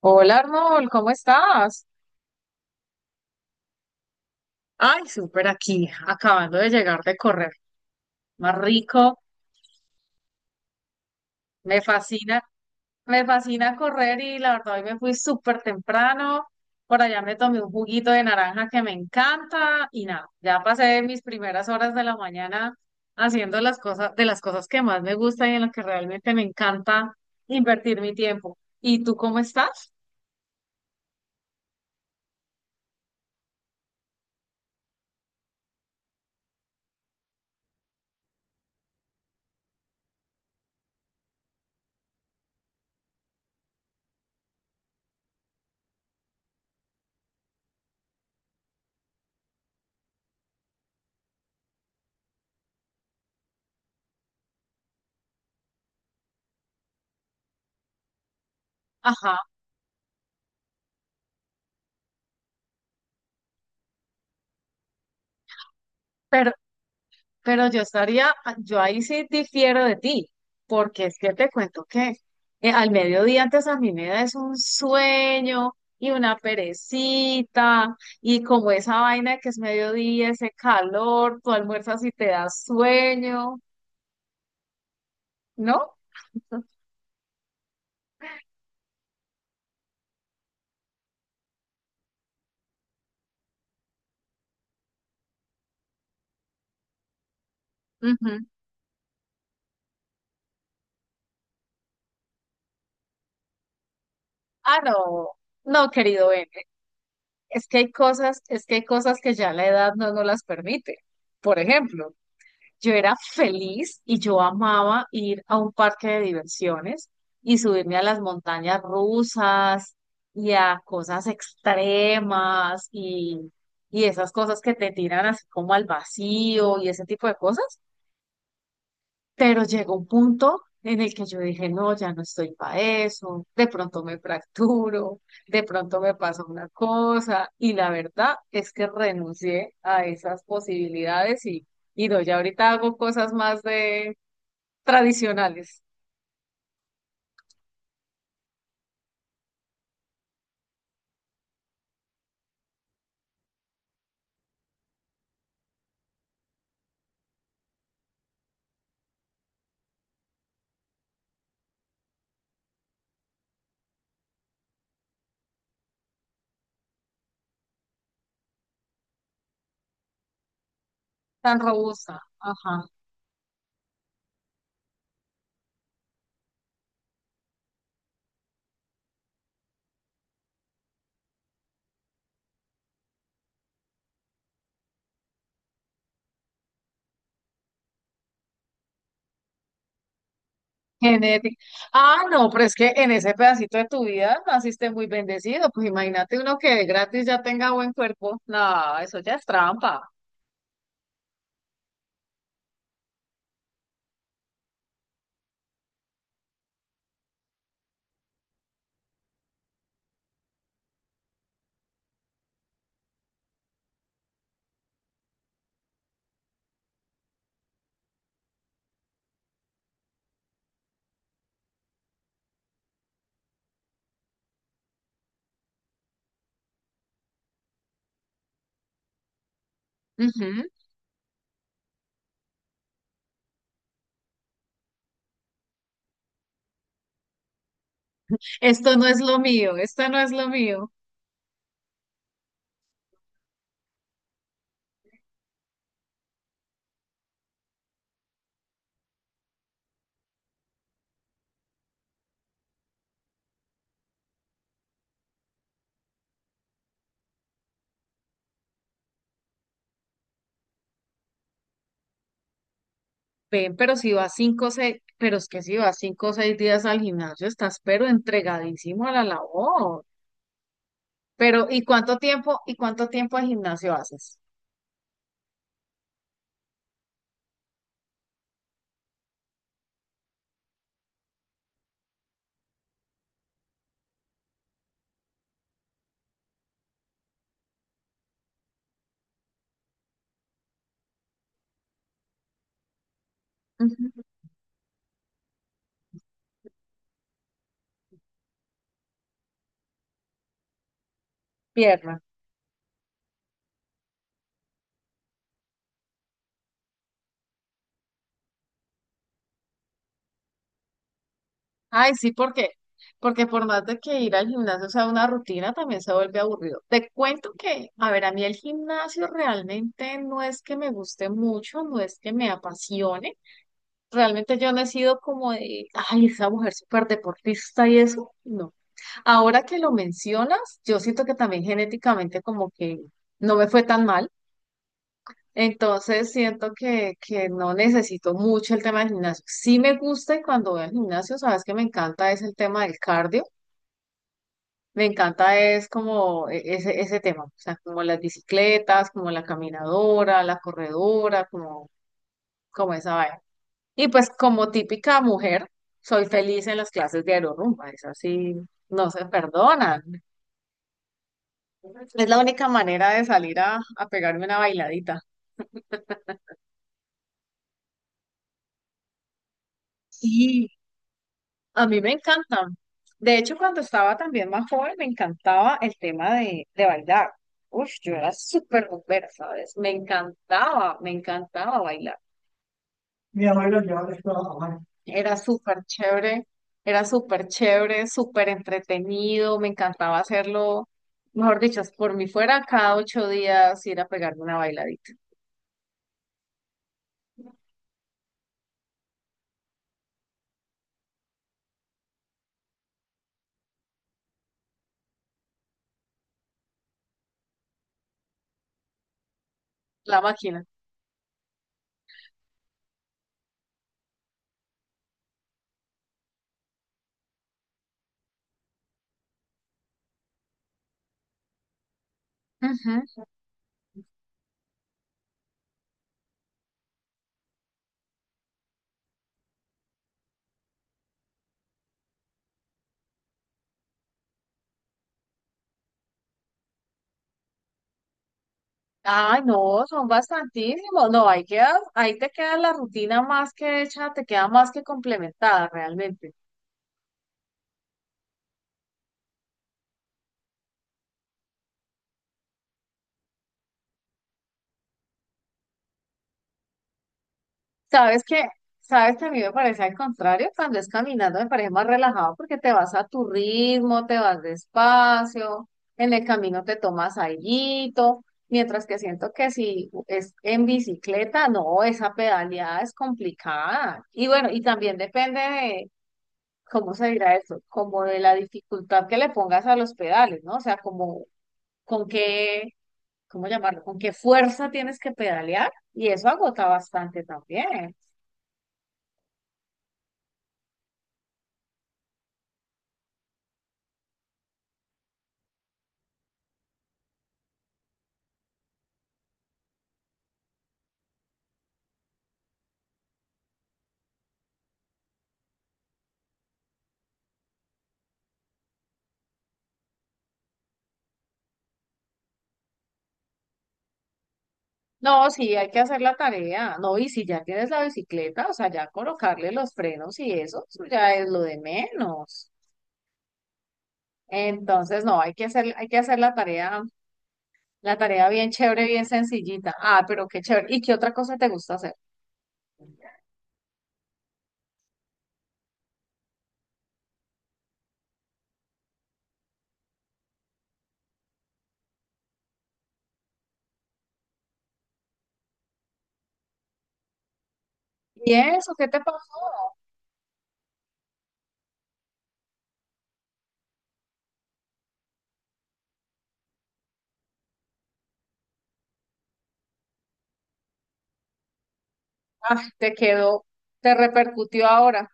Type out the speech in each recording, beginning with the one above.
Hola Arnold, ¿cómo estás? Ay, súper aquí, acabando de llegar de correr. Más rico, me fascina, me fascina correr y la verdad hoy me fui súper temprano. Por allá me tomé un juguito de naranja que me encanta y nada, ya pasé mis primeras horas de la mañana haciendo las cosas, de las cosas que más me gustan y en las que realmente me encanta invertir mi tiempo. ¿Y tú cómo estás? Ajá. Pero yo ahí sí difiero de ti, porque es que te cuento que al mediodía antes a mí me da es un sueño y una perecita, y como esa vaina de que es mediodía, ese calor, tú almuerzas y te da sueño, ¿no? Ujú. Ah, no, no, querido Ben, es que hay cosas, es que hay cosas que ya la edad no nos las permite. Por ejemplo, yo era feliz y yo amaba ir a un parque de diversiones y subirme a las montañas rusas y a cosas extremas y esas cosas que te tiran así como al vacío y ese tipo de cosas. Pero llegó un punto en el que yo dije, no, ya no estoy para eso, de pronto me fracturo, de pronto me pasa una cosa, y la verdad es que renuncié a esas posibilidades y no, ya ahorita hago cosas más de tradicionales, tan robusta, ajá, genética. Ah, no, pero es que en ese pedacito de tu vida naciste muy bendecido, pues imagínate uno que de gratis ya tenga buen cuerpo, no, eso ya es trampa. Ujú. Esto no es lo mío, esto no es lo mío. Ven, pero si vas 5 o 6, pero es que si vas 5 o 6 días al gimnasio, estás pero entregadísimo a la labor. Pero, y cuánto tiempo de gimnasio haces? Ujú. Pierna. Ay, sí, ¿por qué? Porque por más de que ir al gimnasio sea una rutina, también se vuelve aburrido. Te cuento que, a ver, a mí el gimnasio realmente no es que me guste mucho, no es que me apasione. Realmente yo no he sido como de, ay, esa mujer súper deportista y eso, no. Ahora que lo mencionas, yo siento que también genéticamente como que no me fue tan mal, entonces siento que no necesito mucho el tema del gimnasio. Sí me gusta y cuando voy al gimnasio, sabes que me encanta es el tema del cardio, me encanta es como ese, ese tema, o sea, como las bicicletas, como la caminadora, la corredora, como, como esa vaina. Y pues como típica mujer, soy feliz en las clases de aerorumba, es así, no se perdonan. Es la única manera de salir a pegarme una bailadita. Sí, a mí me encantan. De hecho, cuando estaba también más joven, me encantaba el tema de bailar. Uf, yo era súper bombera, ¿sabes? Me encantaba bailar. Mi abuelo llevaba esto a mano. Era súper chévere, súper entretenido, me encantaba hacerlo. Mejor dicho, si por mí fuera, cada 8 días ir a pegarme una bailadita. La máquina. Ujú. Ay, no, son bastantísimos. No, ahí quedas, ahí te queda la rutina más que hecha, te queda más que complementada realmente. Sabes que, sabes que a mí me parece al contrario, cuando es caminando me parece más relajado porque te vas a tu ritmo, te vas despacio, en el camino te tomas alguito, mientras que siento que si es en bicicleta, no, esa pedaleada es complicada. Y bueno, y también depende ¿cómo se dirá esto? Como de la dificultad que le pongas a los pedales, ¿no? O sea, como con qué, ¿cómo llamarlo? Con qué fuerza tienes que pedalear y eso agota bastante también. No, sí, hay que hacer la tarea, no, y si ya tienes la bicicleta, o sea, ya colocarle los frenos y eso ya es lo de menos. Entonces, no, hay que hacer la tarea bien chévere, bien sencillita. Ah, pero qué chévere. ¿Y qué otra cosa te gusta hacer? ¿Y eso qué te pasó? Ah, te quedó, te repercutió ahora.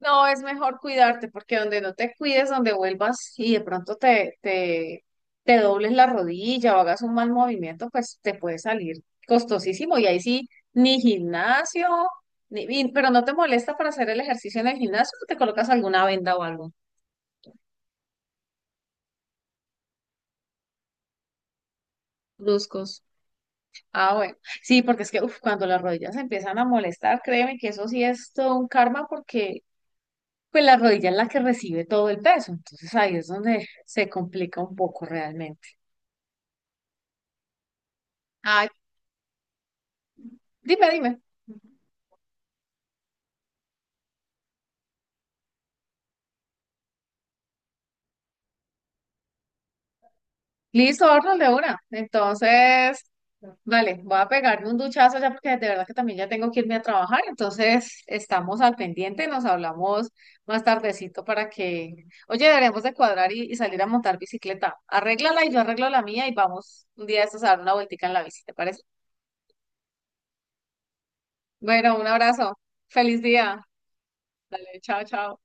No, es mejor cuidarte porque donde no te cuides, donde vuelvas y de pronto te dobles la rodilla o hagas un mal movimiento, pues te puede salir costosísimo. Y ahí sí, ni gimnasio, ni, y- pero no te molesta para hacer el ejercicio en el gimnasio, te colocas alguna venda o algo, bruscos. Ah, bueno. Sí, porque es que uf, cuando las rodillas empiezan a molestar, créeme que eso sí es todo un karma porque pues la rodilla es la que recibe todo el peso. Entonces ahí es donde se complica un poco realmente. Ay, dime, dime. Listo, horno de una. Entonces, vale, voy a pegarme un duchazo ya porque de verdad que también ya tengo que irme a trabajar. Entonces, estamos al pendiente, nos hablamos más tardecito para que, oye, deberemos de cuadrar y salir a montar bicicleta. Arréglala y yo arreglo la mía y vamos un día de estos a dar una vueltica en la bici, ¿te parece? Bueno, un abrazo. Feliz día. Chao, chao.